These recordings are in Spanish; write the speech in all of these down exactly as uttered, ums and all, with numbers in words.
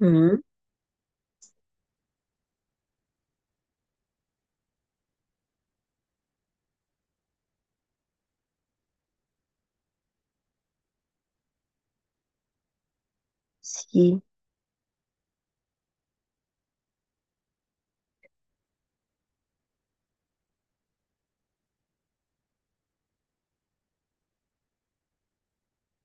Mm, sí.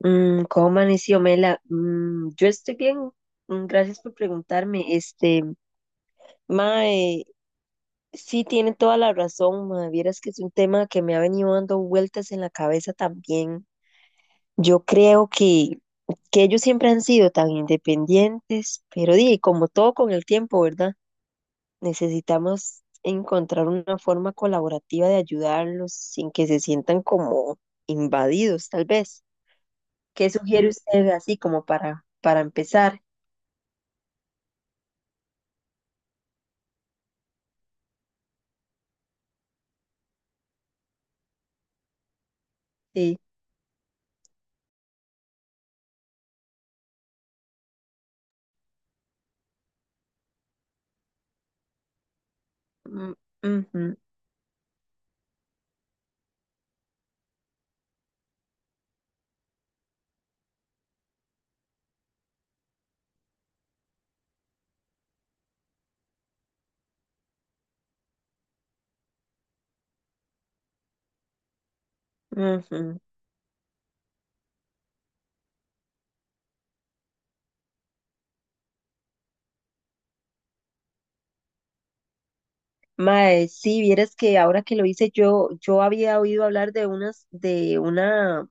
Mm, ¿cómo amaneció Mela? Mm, yo estoy bien. Mm, gracias por preguntarme. Este, mae, sí tiene toda la razón, mae. Vieras que es un tema que me ha venido dando vueltas en la cabeza también. Yo creo que, que ellos siempre han sido tan independientes, pero di, como todo con el tiempo, ¿verdad? Necesitamos encontrar una forma colaborativa de ayudarlos sin que se sientan como invadidos, tal vez. ¿Qué sugiere usted así como para, para empezar? Sí. Mm, ujú, ujú. Mae, sí, vieras que ahora que lo hice yo, yo había oído hablar de unas, de una,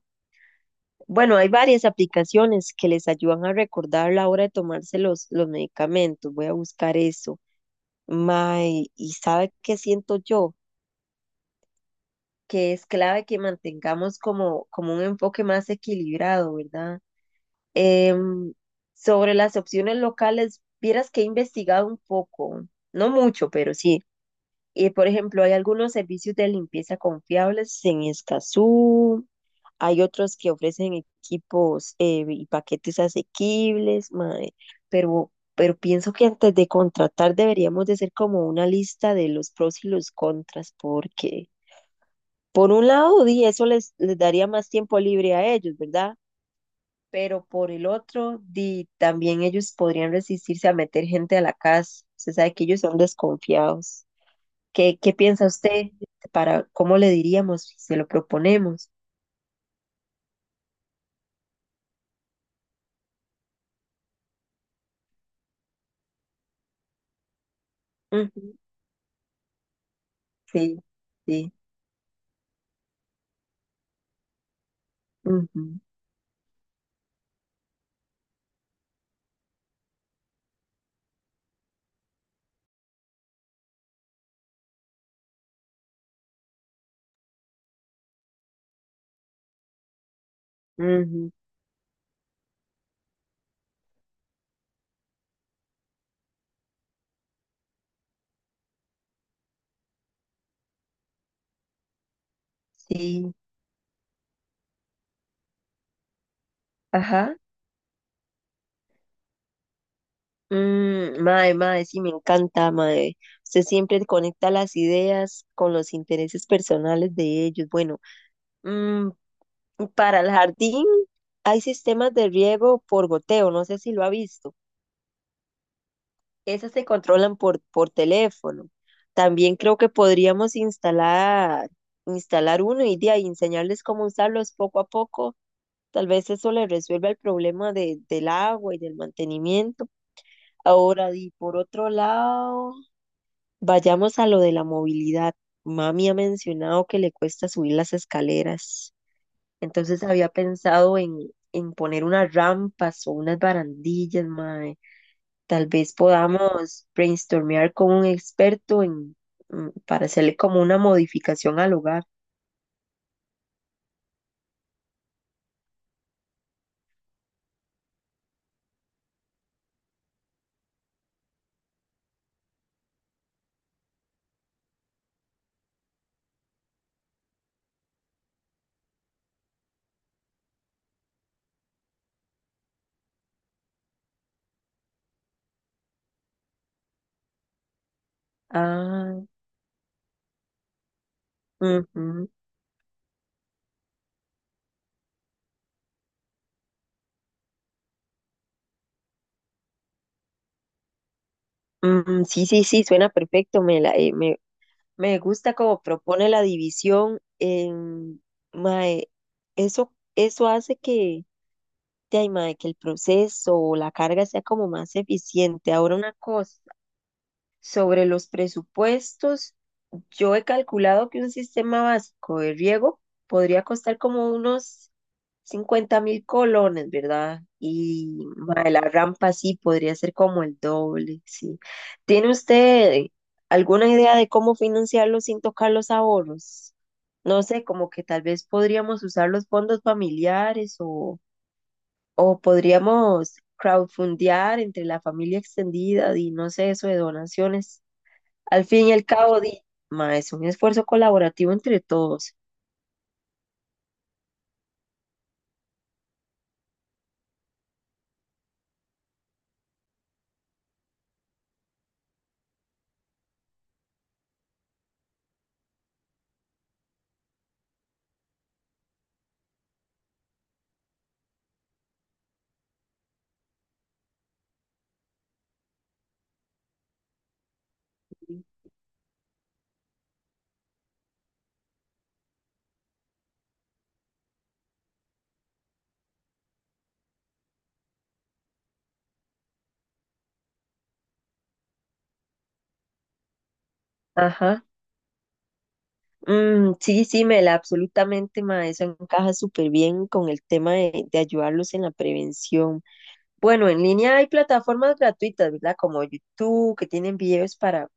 bueno, hay varias aplicaciones que les ayudan a recordar la hora de tomarse los, los medicamentos. Voy a buscar eso. Mae, ¿y sabe qué siento yo? Que es clave que mantengamos como, como un enfoque más equilibrado, ¿verdad? Em, Sobre las opciones locales, vieras que he investigado un poco, no mucho, pero sí. Y por ejemplo, hay algunos servicios de limpieza confiables en Escazú, hay otros que ofrecen equipos eh, y paquetes asequibles, mae, pero, pero pienso que antes de contratar deberíamos de hacer como una lista de los pros y los contras, porque por un lado, di, eso les, les daría más tiempo libre a ellos, ¿verdad? Pero por el otro, di, también ellos podrían resistirse a meter gente a la casa. Se sabe que ellos son desconfiados. ¿Qué, qué piensa usted para cómo le diríamos si se lo proponemos? Ujú, sí, sí, ujú, ujú, sí, ajá. Mm, mae, mae, sí, me encanta, mae. Usted siempre conecta las ideas con los intereses personales de ellos. Bueno, mm, para el jardín hay sistemas de riego por goteo, no sé si lo ha visto. Esas se controlan por, por teléfono. También creo que podríamos instalar, instalar uno y de ahí enseñarles cómo usarlos poco a poco. Tal vez eso les resuelva el problema de, del agua y del mantenimiento. Ahora, y por otro lado, vayamos a lo de la movilidad. Mami ha mencionado que le cuesta subir las escaleras. Entonces había pensado en, en poner unas rampas o unas barandillas, mae. Tal vez podamos brainstormear con un experto en, mm, para hacerle como una modificación al hogar. Ah, ujú, mm, sí, sí, sí, suena perfecto. Me, la- eh, me, me gusta cómo propone la división. Em, mae, eso, eso hace que, de ahí, mae, que el proceso o la carga sea como más eficiente. Ahora una cosa. Sobre los presupuestos, yo he calculado que un sistema básico de riego podría costar como unos cincuenta mil colones, ¿verdad? Y mae, la rampa sí podría ser como el doble, sí. ¿Tiene usted alguna idea de cómo financiarlo sin tocar los ahorros? No sé, como que tal vez podríamos usar los fondos familiares o, o podríamos crowdfundear entre la familia extendida y no sé, eso de donaciones. Al fin y al cabo, di, ma, es un esfuerzo colaborativo entre todos. Ajá. Mm, sí, sí, Mela, absolutamente, ma, eso encaja súper bien con el tema de, de ayudarlos en la prevención. Bueno, en línea hay plataformas gratuitas, ¿verdad? Como YouTube, que tienen videos para,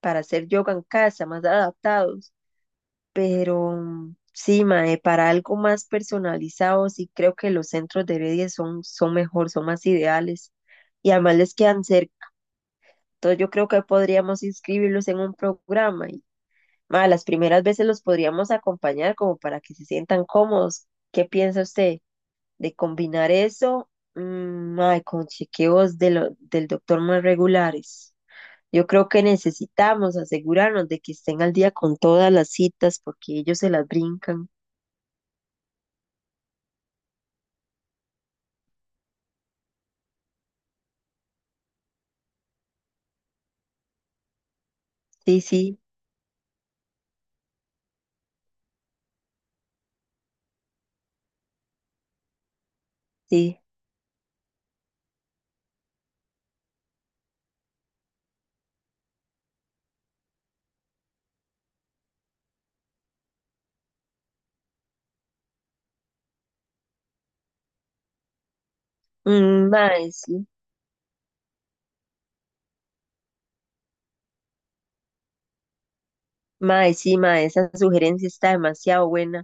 para hacer yoga en casa, más adaptados. Pero mm, sí, ma, eh, para algo más personalizado, sí creo que los centros de Heredia son, son mejor, son más ideales. Y además les quedan cerca. Entonces yo creo que podríamos inscribirlos en un programa y ma, las primeras veces los podríamos acompañar como para que se sientan cómodos. ¿Qué piensa usted de combinar eso mm, ma, con chequeos de lo- del doctor más regulares? Yo creo que necesitamos asegurarnos de que estén al día con todas las citas porque ellos se las brincan. Sí, sí, sí. Mm, mae, sí. Mae, sí, mae, esa sugerencia está demasiado buena.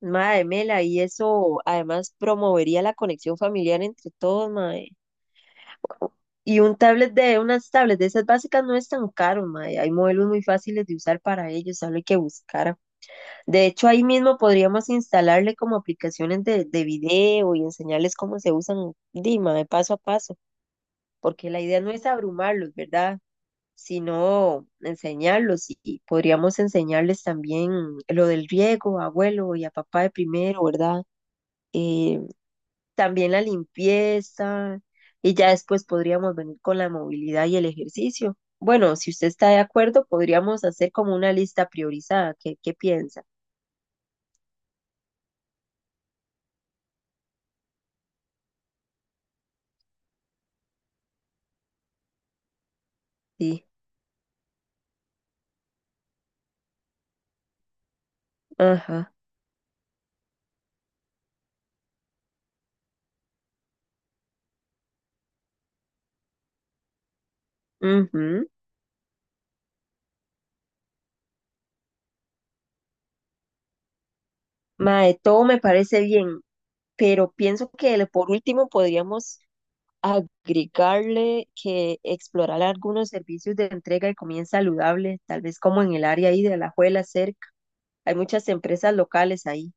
Mae, Mela, y eso además promovería la conexión familiar entre todos, mae. Y un tablet de, unas tablets de esas básicas no es tan caro, mae. Hay modelos muy fáciles de usar para ellos, solo hay que buscar. De hecho, ahí mismo podríamos instalarle como aplicaciones de, de video y enseñarles cómo se usan, Dima, de paso a paso, porque la idea no es abrumarlos, ¿verdad? Sino enseñarlos y y podríamos enseñarles también lo del riego, abuelo y a papá de primero, ¿verdad? Eh, También la limpieza y ya después podríamos venir con la movilidad y el ejercicio. Bueno, si usted está de acuerdo, podríamos hacer como una lista priorizada. ¿Qué, qué piensa? Sí, ajá. Ujú. Mae, todo me parece bien, pero pienso que le- por último podríamos agregarle que explorar algunos servicios de entrega y comida saludable, tal vez como en el área ahí de Alajuela cerca. Hay muchas empresas locales ahí.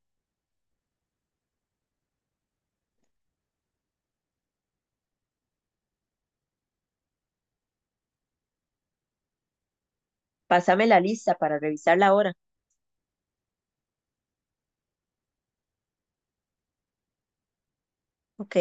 Pásame la lista para revisarla ahora. Ok.